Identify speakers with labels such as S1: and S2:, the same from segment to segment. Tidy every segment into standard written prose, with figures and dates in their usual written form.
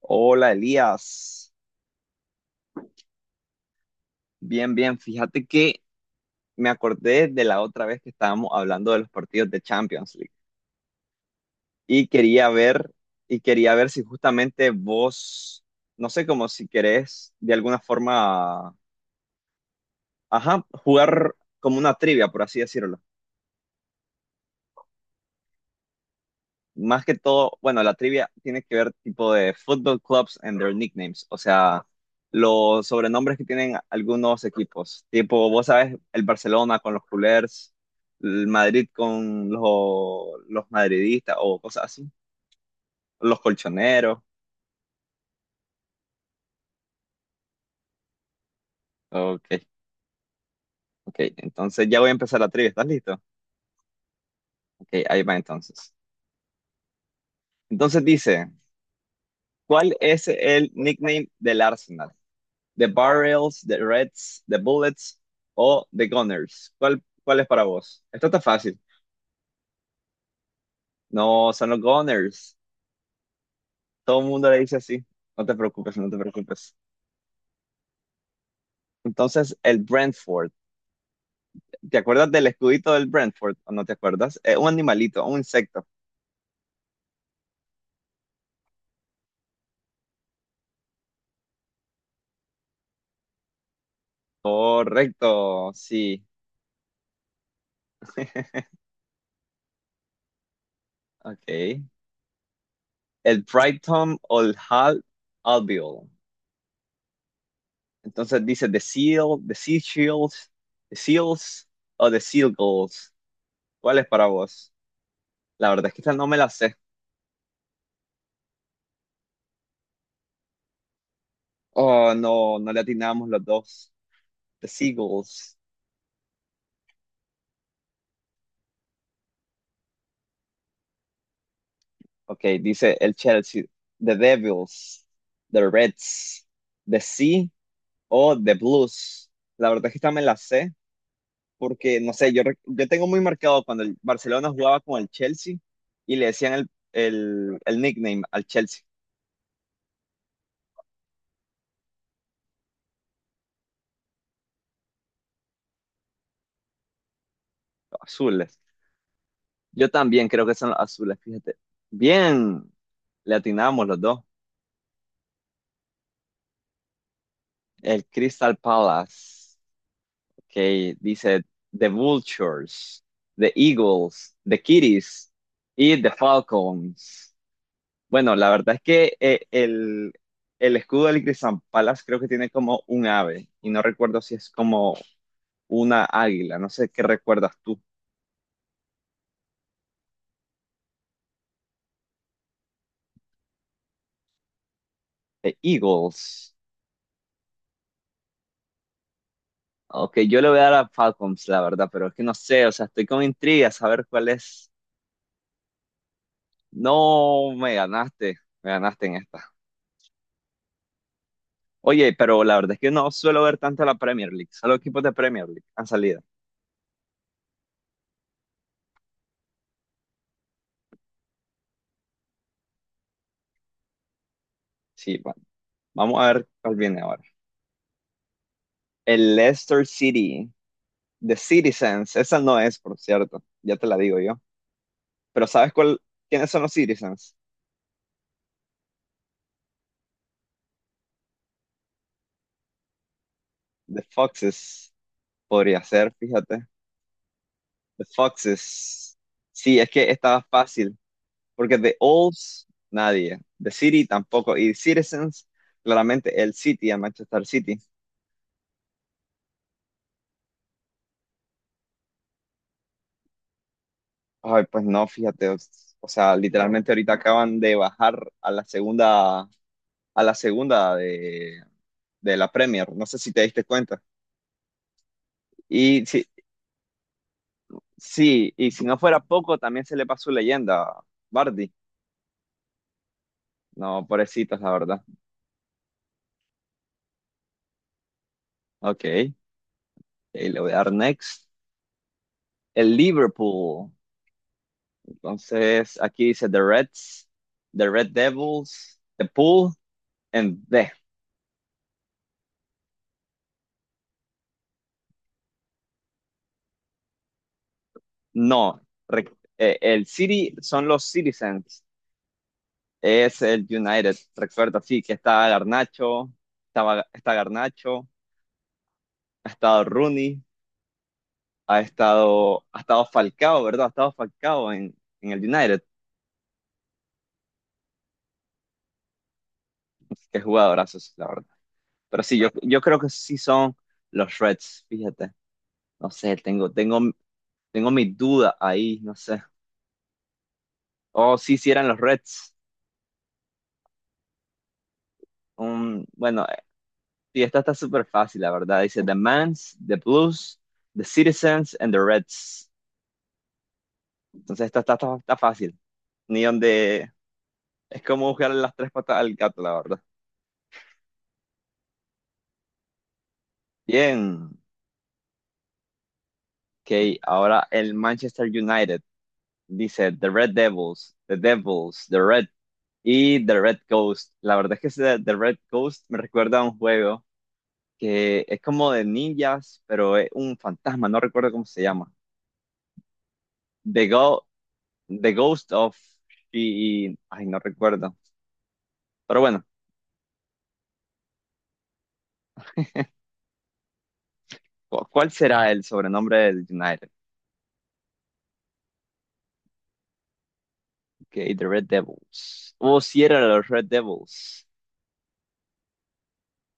S1: Hola Elías, bien, bien, fíjate que me acordé de la otra vez que estábamos hablando de los partidos de Champions League y quería ver, y quería ver si justamente vos, no sé, como si querés de alguna forma, ajá, jugar como una trivia, por así decirlo. Más que todo, bueno, la trivia tiene que ver tipo de football clubs and their nicknames, o sea, los sobrenombres que tienen algunos equipos, tipo, vos sabes, el Barcelona con los culers, el Madrid con los madridistas o cosas así, los colchoneros, ok, ok, entonces ya voy a empezar la trivia, ¿estás listo? Ok, ahí va entonces. Entonces dice, ¿cuál es el nickname del Arsenal? ¿The Barrels, The Reds, The Bullets o The Gunners? ¿Cuál es para vos? Esto está fácil. No, son los Gunners. Todo el mundo le dice así. No te preocupes, no te preocupes. Entonces, el Brentford. ¿Te acuerdas del escudito del Brentford o no te acuerdas? Es un animalito, un insecto. Correcto, sí. Ok. El Brighton o el Hal Albion. Entonces dice ¿The Seal, The Sea Shields, The Seals o The Seagulls? ¿Cuál es para vos? La verdad es que esta no me la sé. Oh, no, no le atinamos los dos. The Seagulls. Ok, dice el Chelsea. The Devils. The Reds. The Sea o The Blues. La verdad es que esta me la sé porque, no sé, yo, yo tengo muy marcado cuando el Barcelona jugaba con el Chelsea y le decían el nickname al Chelsea, los azules. Yo también creo que son los azules, fíjate. Bien, le atinamos los dos. El Crystal Palace. Que dice The Vultures, The Eagles, The Kitties y The Falcons. Bueno, la verdad es que el escudo del Crystal Palace creo que tiene como un ave y no recuerdo si es como una águila, no sé qué recuerdas tú. The Eagles. Ok, yo le voy a dar a Falcons, la verdad, pero es que no sé, o sea, estoy con intriga a saber cuál es. No, me ganaste en esta. Oye, pero la verdad es que no suelo ver tanto la Premier League, solo equipos de Premier League han salido. Sí, bueno, vamos a ver cuál viene ahora. El Leicester City, The Citizens, esa no es, por cierto, ya te la digo yo. Pero ¿sabes cuál? ¿Quiénes son los Citizens? The Foxes, podría ser, fíjate. The Foxes. Sí, es que estaba fácil, porque The Olds, nadie. The City tampoco. Y Citizens, claramente el City, el Manchester City. Ay, pues no, fíjate, o sea, literalmente ahorita acaban de bajar a la segunda de la Premier, no sé si te diste cuenta. Y sí, sí, y si no fuera poco, también se le pasó leyenda, Bardi. No, pobrecitos, la verdad. Ok, y le voy a dar next. El Liverpool. Entonces, aquí dice The Reds, The Red Devils, The Pool, and The. No, re- el City son los Citizens. Es el United, recuerdo, sí, que está Garnacho, estaba, está Garnacho, ha estado Rooney, ha estado Falcao, ¿verdad? Ha estado Falcao en el United, que jugadorazos, la verdad. Pero sí, yo creo que sí son los Reds, fíjate. No sé, tengo mi duda ahí, no sé. Oh, sí, sí eran los Reds. Bueno, y esta está súper fácil, la verdad. Dice The Mans, The Blues, The Citizens and The Reds. Entonces, esta está fácil. Ni donde, es como buscarle las tres patas al gato, la verdad. Bien, ok, ahora el Manchester United dice The Red Devils, The Devils, The Red y The Red Ghost. La verdad es que ese The Red Ghost me recuerda a un juego que es como de ninjas, pero es un fantasma, no recuerdo cómo se llama. The, Go The Ghost of y ay, no recuerdo. Pero bueno, ¿cuál será el sobrenombre del United? Ok, The Red Devils. O si era los Red Devils.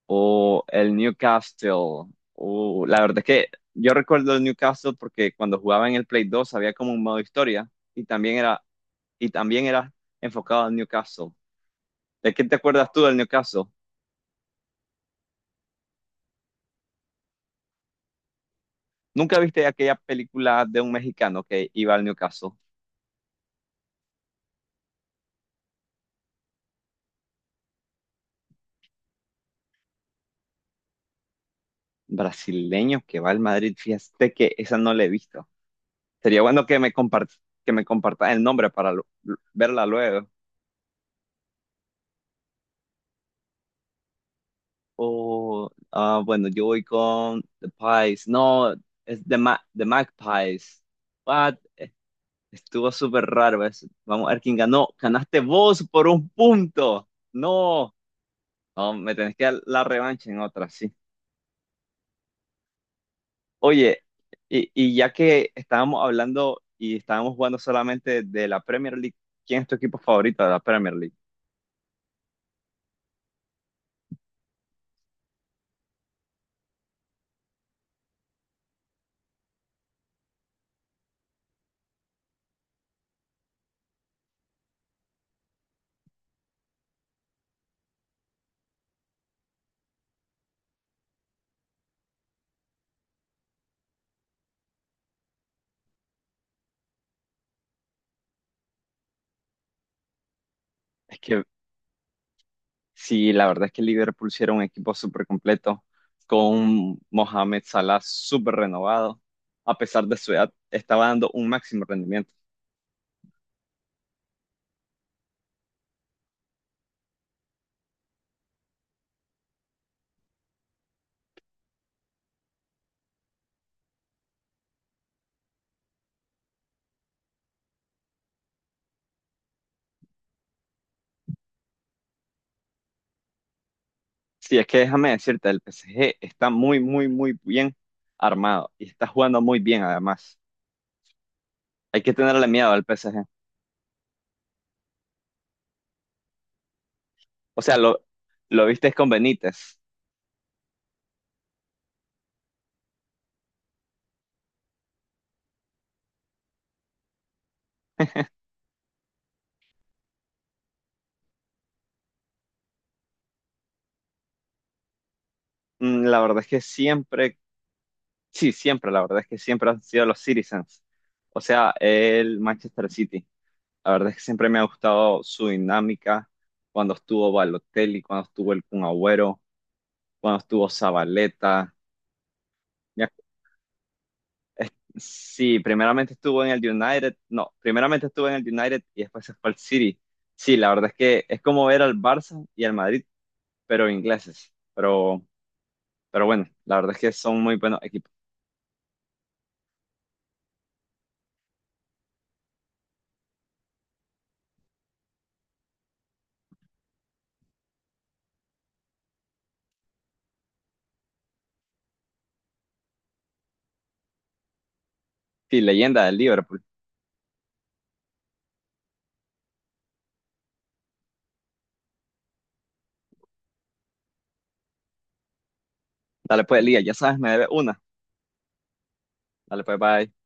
S1: O el Newcastle. O la verdad es que yo recuerdo el Newcastle porque cuando jugaba en el Play 2 había como un modo historia y también era, y también era enfocado al Newcastle. ¿De qué te acuerdas tú del Newcastle? ¿Nunca viste aquella película de un mexicano que iba al Newcastle? Brasileño que va al Madrid, fíjate que esa no la he visto. Sería bueno que me que me compartas el nombre para verla luego. O, ah, bueno, yo voy con The Pies. No, es The Magpies. What? Estuvo súper raro eso. Vamos a ver quién ganó. Ganaste vos por un punto. No, no, me tenés que dar la revancha en otra, sí. Oye, y ya que estábamos hablando y estábamos jugando solamente de la Premier League, ¿quién es tu equipo favorito de la Premier League? Es que sí, la verdad es que Liverpool sí era un equipo súper completo, con un Mohamed Salah súper renovado. A pesar de su edad, estaba dando un máximo rendimiento. Sí, es que déjame decirte, el PSG está muy, muy, muy bien armado y está jugando muy bien además. Hay que tenerle miedo al PSG. O sea, lo viste con Benítez. Mm, la verdad es que siempre, sí, siempre, la verdad es que siempre han sido los Citizens. O sea, el Manchester City. La verdad es que siempre me ha gustado su dinámica cuando estuvo Balotelli, cuando estuvo el Kun Agüero, cuando estuvo Zabaleta. Me ac- Sí, primeramente estuvo en el United, no, primeramente estuvo en el United y después se fue al City. Sí, la verdad es que es como ver al Barça y al Madrid, pero ingleses. Pero bueno, la verdad es que son muy buenos equipos. Sí, leyenda del Liverpool. Dale pues, Lía, ya sabes, me debe una. Dale pues, bye.